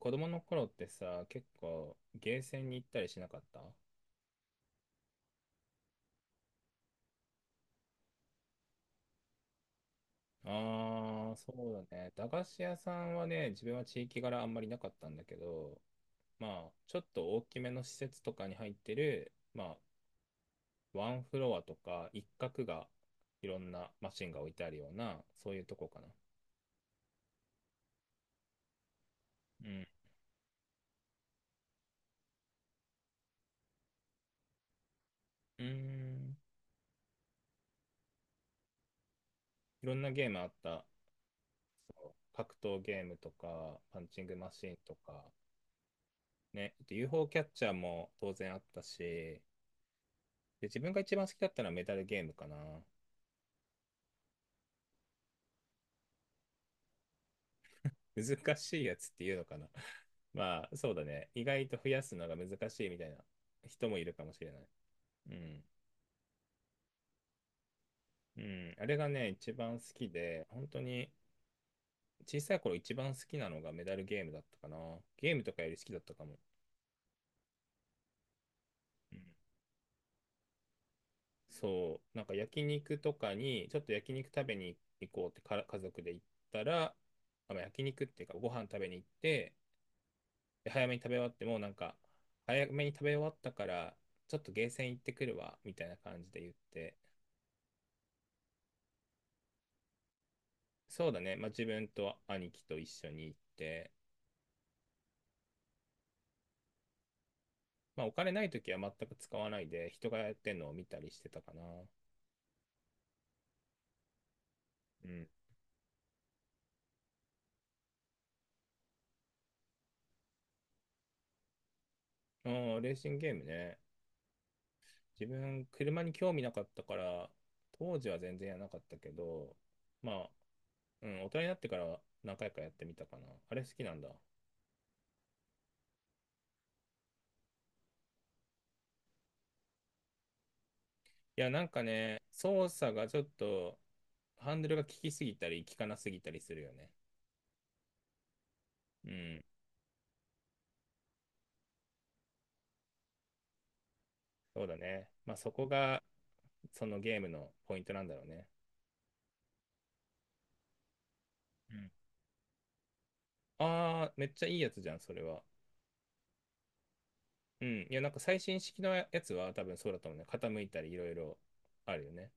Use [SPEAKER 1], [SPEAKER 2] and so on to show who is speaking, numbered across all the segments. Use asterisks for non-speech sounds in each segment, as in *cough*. [SPEAKER 1] 子供の頃ってさ、結構ゲーセンに行ったりしなかった？あー、そうだね。駄菓子屋さんはね、自分は地域柄あんまりなかったんだけど、まあ、ちょっと大きめの施設とかに入ってる、まあ、ワンフロアとか一角がいろんなマシンが置いてあるような、そういうとこかな。うん。うーん。いろんなゲームあった。そう、格闘ゲームとか、パンチングマシンとか、ね、あと UFO キャッチャーも当然あったし、で、自分が一番好きだったのはメタルゲームかな。*laughs* 難しいやつっていうのかな。*laughs* まあ、そうだね。意外と増やすのが難しいみたいな人もいるかもしれない。うん。うん。あれがね、一番好きで、本当に小さい頃一番好きなのがメダルゲームだったかな。ゲームとかより好きだったかも。うん。そう、なんか焼肉とかに、ちょっと焼肉食べに行こうってから家族で行ったら、まあ焼肉っていうかご飯食べに行って、で早めに食べ終わってもなんか早めに食べ終わったからちょっとゲーセン行ってくるわみたいな感じで言って、そうだね、まあ、自分と兄貴と一緒に行って、まあ、お金ない時は全く使わないで人がやってんのを見たりしてたかな。うん。あー、レーシングゲームね。自分車に興味なかったから当時は全然やらなかったけど、まあ、うん、大人になってから何回かやってみたかな。あれ好きなんだ？いや、なんかね、操作がちょっと、ハンドルが効きすぎたり、効かなすぎたりするよね。うん、そうだね。まあ、そこが、そのゲームのポイントなんだろうね。うん。ああ、めっちゃいいやつじゃん、それは。うん。いや、なんか最新式のやつは多分そうだと思うね。傾いたり、いろいろあるよね。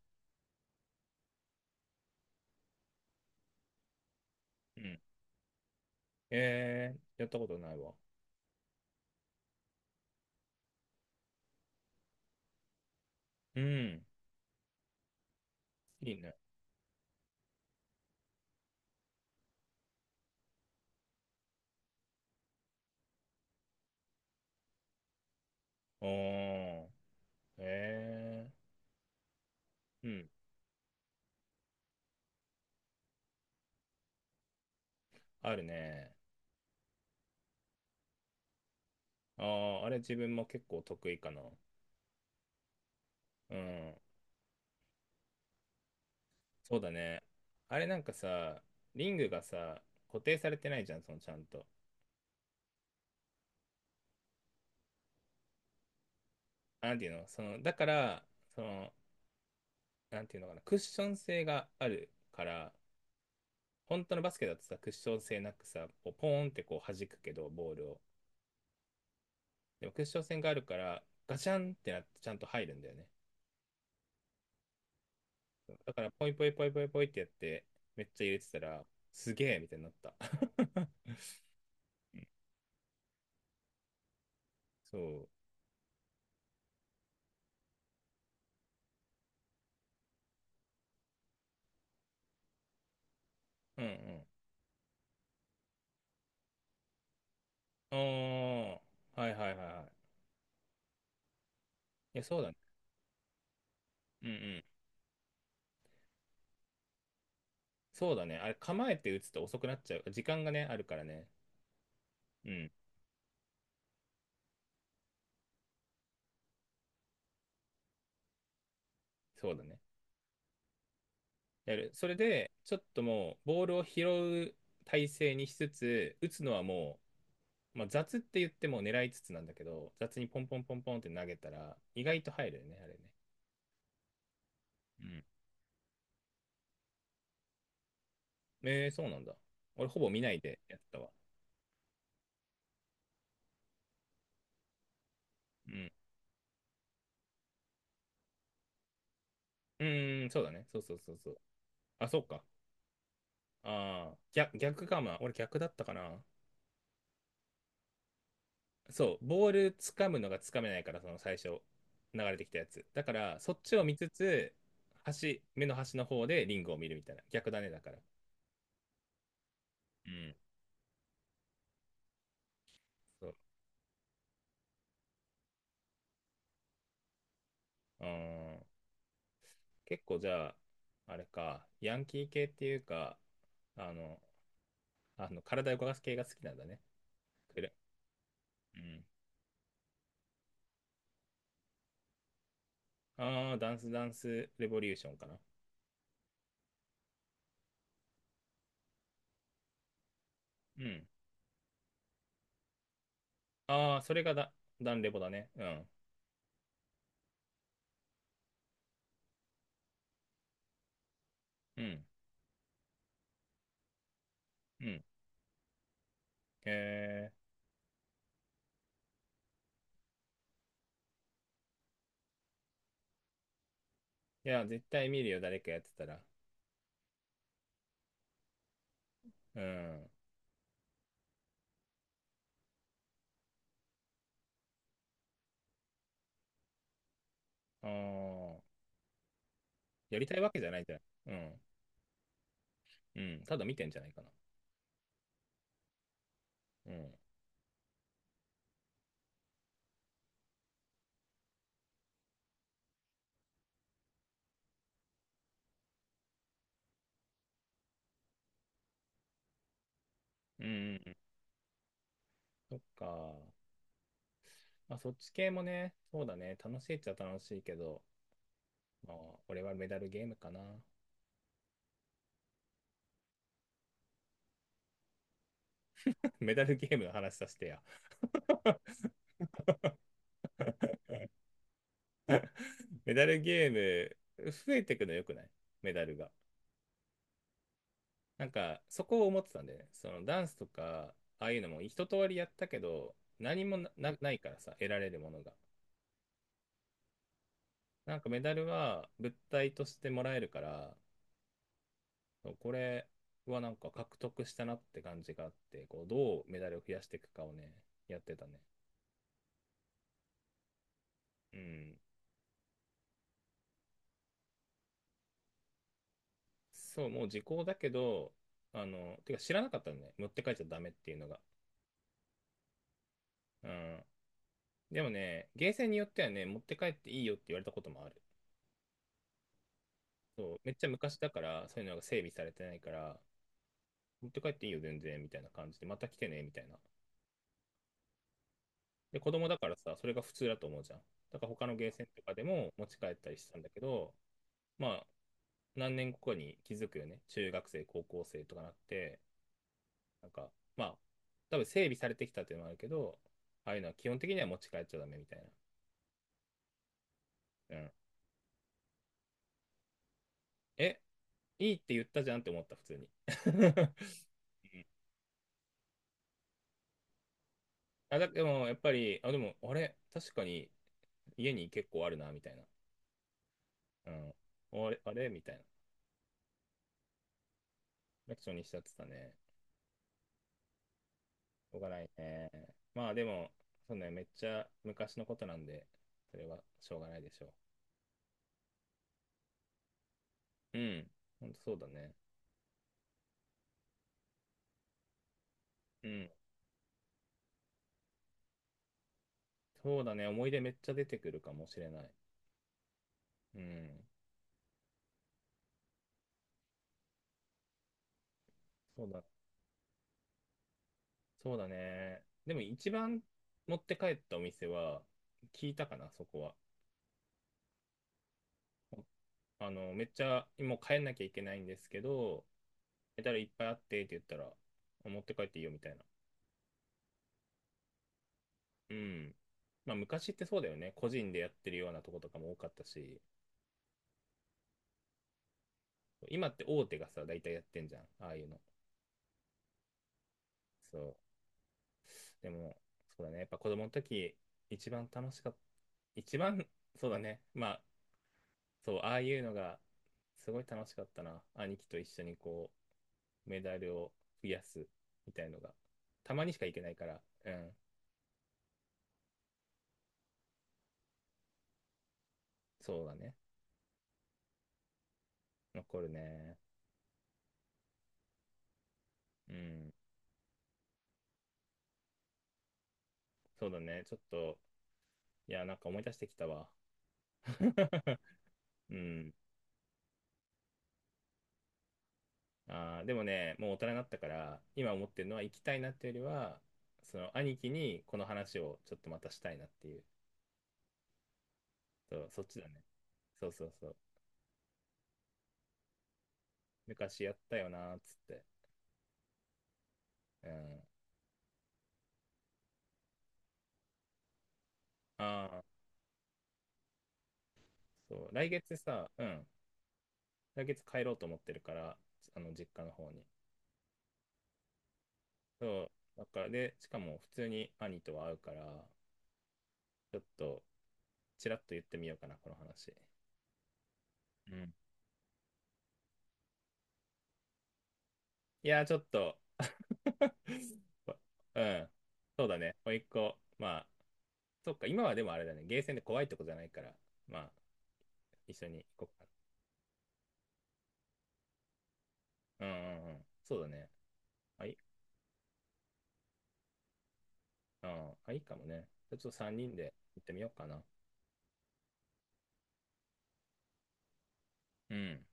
[SPEAKER 1] うん。えー、やったことないわ。うん。いいね。おー。えー。うん。あるね。ああ、あれ自分も結構得意かな。うん。そうだね。あれなんかさ、リングがさ、固定されてないじゃん、そのちゃんと。なんていうの、その、だから、その、なんていうのかな、クッション性があるから、本当のバスケだとさ、クッション性なくさ、こうポーンってこう弾くけど、ボールを。でもクッション性があるから、ガチャンってなってちゃんと入るんだよね。だから、ポイポイポイポイポイってやって、めっちゃ入れてたら、すげえみたいになった。*laughs* そう。うんうん。ああ、はいはいはいはい。いや、そうだね。うん。そうだね。あれ、構えて打つと遅くなっちゃう。時間がね、あるからね。うん。そうだね。やる。それで、ちょっともう、ボールを拾う体勢にしつつ、打つのはもう、まあ、雑って言っても狙いつつなんだけど、雑にポンポンポンポンって投げたら、意外と入るよね、あれね。うん。えー、そうなんだ。俺、ほぼ見ないでやったわ。うん。うーん、そうだね。そうそうそうそう。あ、そうか。ああ、逆、逆かもな。俺、逆だったかな。そう、ボール掴むのが掴めないから、その最初、流れてきたやつ。だから、そっちを見つつ、端、目の端の方でリングを見るみたいな。逆だね、だから。うん。そう。うーん。結構じゃあ、あれか、ヤンキー系っていうか、あの、あの体を動かす系が好きなんだね。くる。うん。ああ、ダンスダンスレボリューションかな。うん。ああ、それがダ、ダンレボだね。うん。うん。うん。へえ。いや、絶対見るよ、誰かやってたら。うん。ああ、やりたいわけじゃないじゃん。うん。うん。ただ見てんじゃないかな。うん。うんうんうん。そっか。まあ、そっち系もね、そうだね。楽しいっちゃ楽しいけど、まあ、俺はメダルゲームかな。*laughs* メダルゲームの話させてや。*laughs* メダルゲーム、増えてくのよくない？メダルが。なんか、そこを思ってたんだよね。そのダンスとか、ああいうのも一通りやったけど、何もな、なないからさ、得られるものが。なんかメダルは物体としてもらえるから、これはなんか獲得したなって感じがあって、こうどうメダルを増やしていくかをね、やってたね。うん。そう、もう時効だけど、あの、てか知らなかったのね。持って帰っちゃダメっていうのが。うん。でもね、ゲーセンによってはね、持って帰っていいよって言われたこともある。そう、めっちゃ昔だから、そういうのが整備されてないから、持って帰っていいよ全然、みたいな感じで、また来てね、みたいな。で、子供だからさ、それが普通だと思うじゃん。だから他のゲーセンとかでも持ち帰ったりしたんだけど、まあ、何年後かに気づくよね。中学生、高校生とかなって、なんか、まあ、多分整備されてきたっていうのもあるけど、ああいうのは基本的には持ち帰っちゃダメみたいな。うん。え、いいって言ったじゃんって思った、普通に。*laughs* あ、だでも、やっぱり、あ、でも、あれ、確かに家に結構あるな、みたいな。うん。あれ、あれみたいな。楽勝にしちゃってたね。しょうがないね。まあ、でも、そうね、めっちゃ昔のことなんで、それはしょうがないでしょう。うん。ほんとそうだね。うん。そうだね、思い出めっちゃ出てくるかもしれない。うん、そうだ、そうだね。でも一番持って帰ったお店は、聞いたかな、そこは。あの、めっちゃ、もう帰んなきゃいけないんですけど、メダルいっぱいあってって言ったら、持って帰っていいよみたいな。うん。まあ昔ってそうだよね。個人でやってるようなとことかも多かったし、今って大手がさ、大体やってんじゃん、ああいうの。そう。でも、そうだね。やっぱ子供の時、一番楽しかった。一番、そうだね。まあ、そう、ああいうのが、すごい楽しかったな。兄貴と一緒にこう、メダルを増やすみたいのが、たまにしか行けないから、うん、そうだね。残るね。うん、そうだね。ちょっと、いや、なんか思い出してきたわ。*laughs* うん。あーでもね、もう大人になったから、今思ってるのは行きたいなっていうよりは、その兄貴にこの話をちょっとまたしたいなっていう。そう、そっちだね。そうそうそう。昔やったよなーっつって。うん。ああ、そう。来月さ、うん。来月帰ろうと思ってるから、あの、実家の方に。そう。だから、で、しかも普通に兄とは会うから、ちょっと、ちらっと言ってみようかな、この話。いやー、ちょっと *laughs* うん。そうだね。甥っ子。まあ、そっか、今はでもあれだね。ゲーセンで怖いとこじゃないから、まあ、一緒に行こうかな。うんうんうん。そうだね。あい、うん、あ、いいかもね。ちょっと3人で行ってみようかな。うん。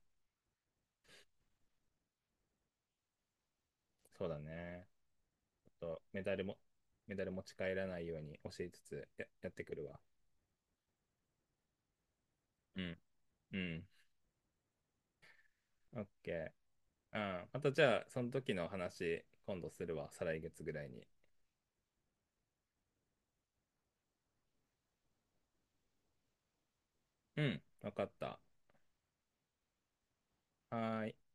[SPEAKER 1] そうだね。ちょっとメダルも、メダル持ち帰らないように教えつつ、や、やってくるわ。うん。うん。オッケー。うん。またじゃあ、その時の話、今度するわ。再来月ぐらいに。うん。わかった。はい。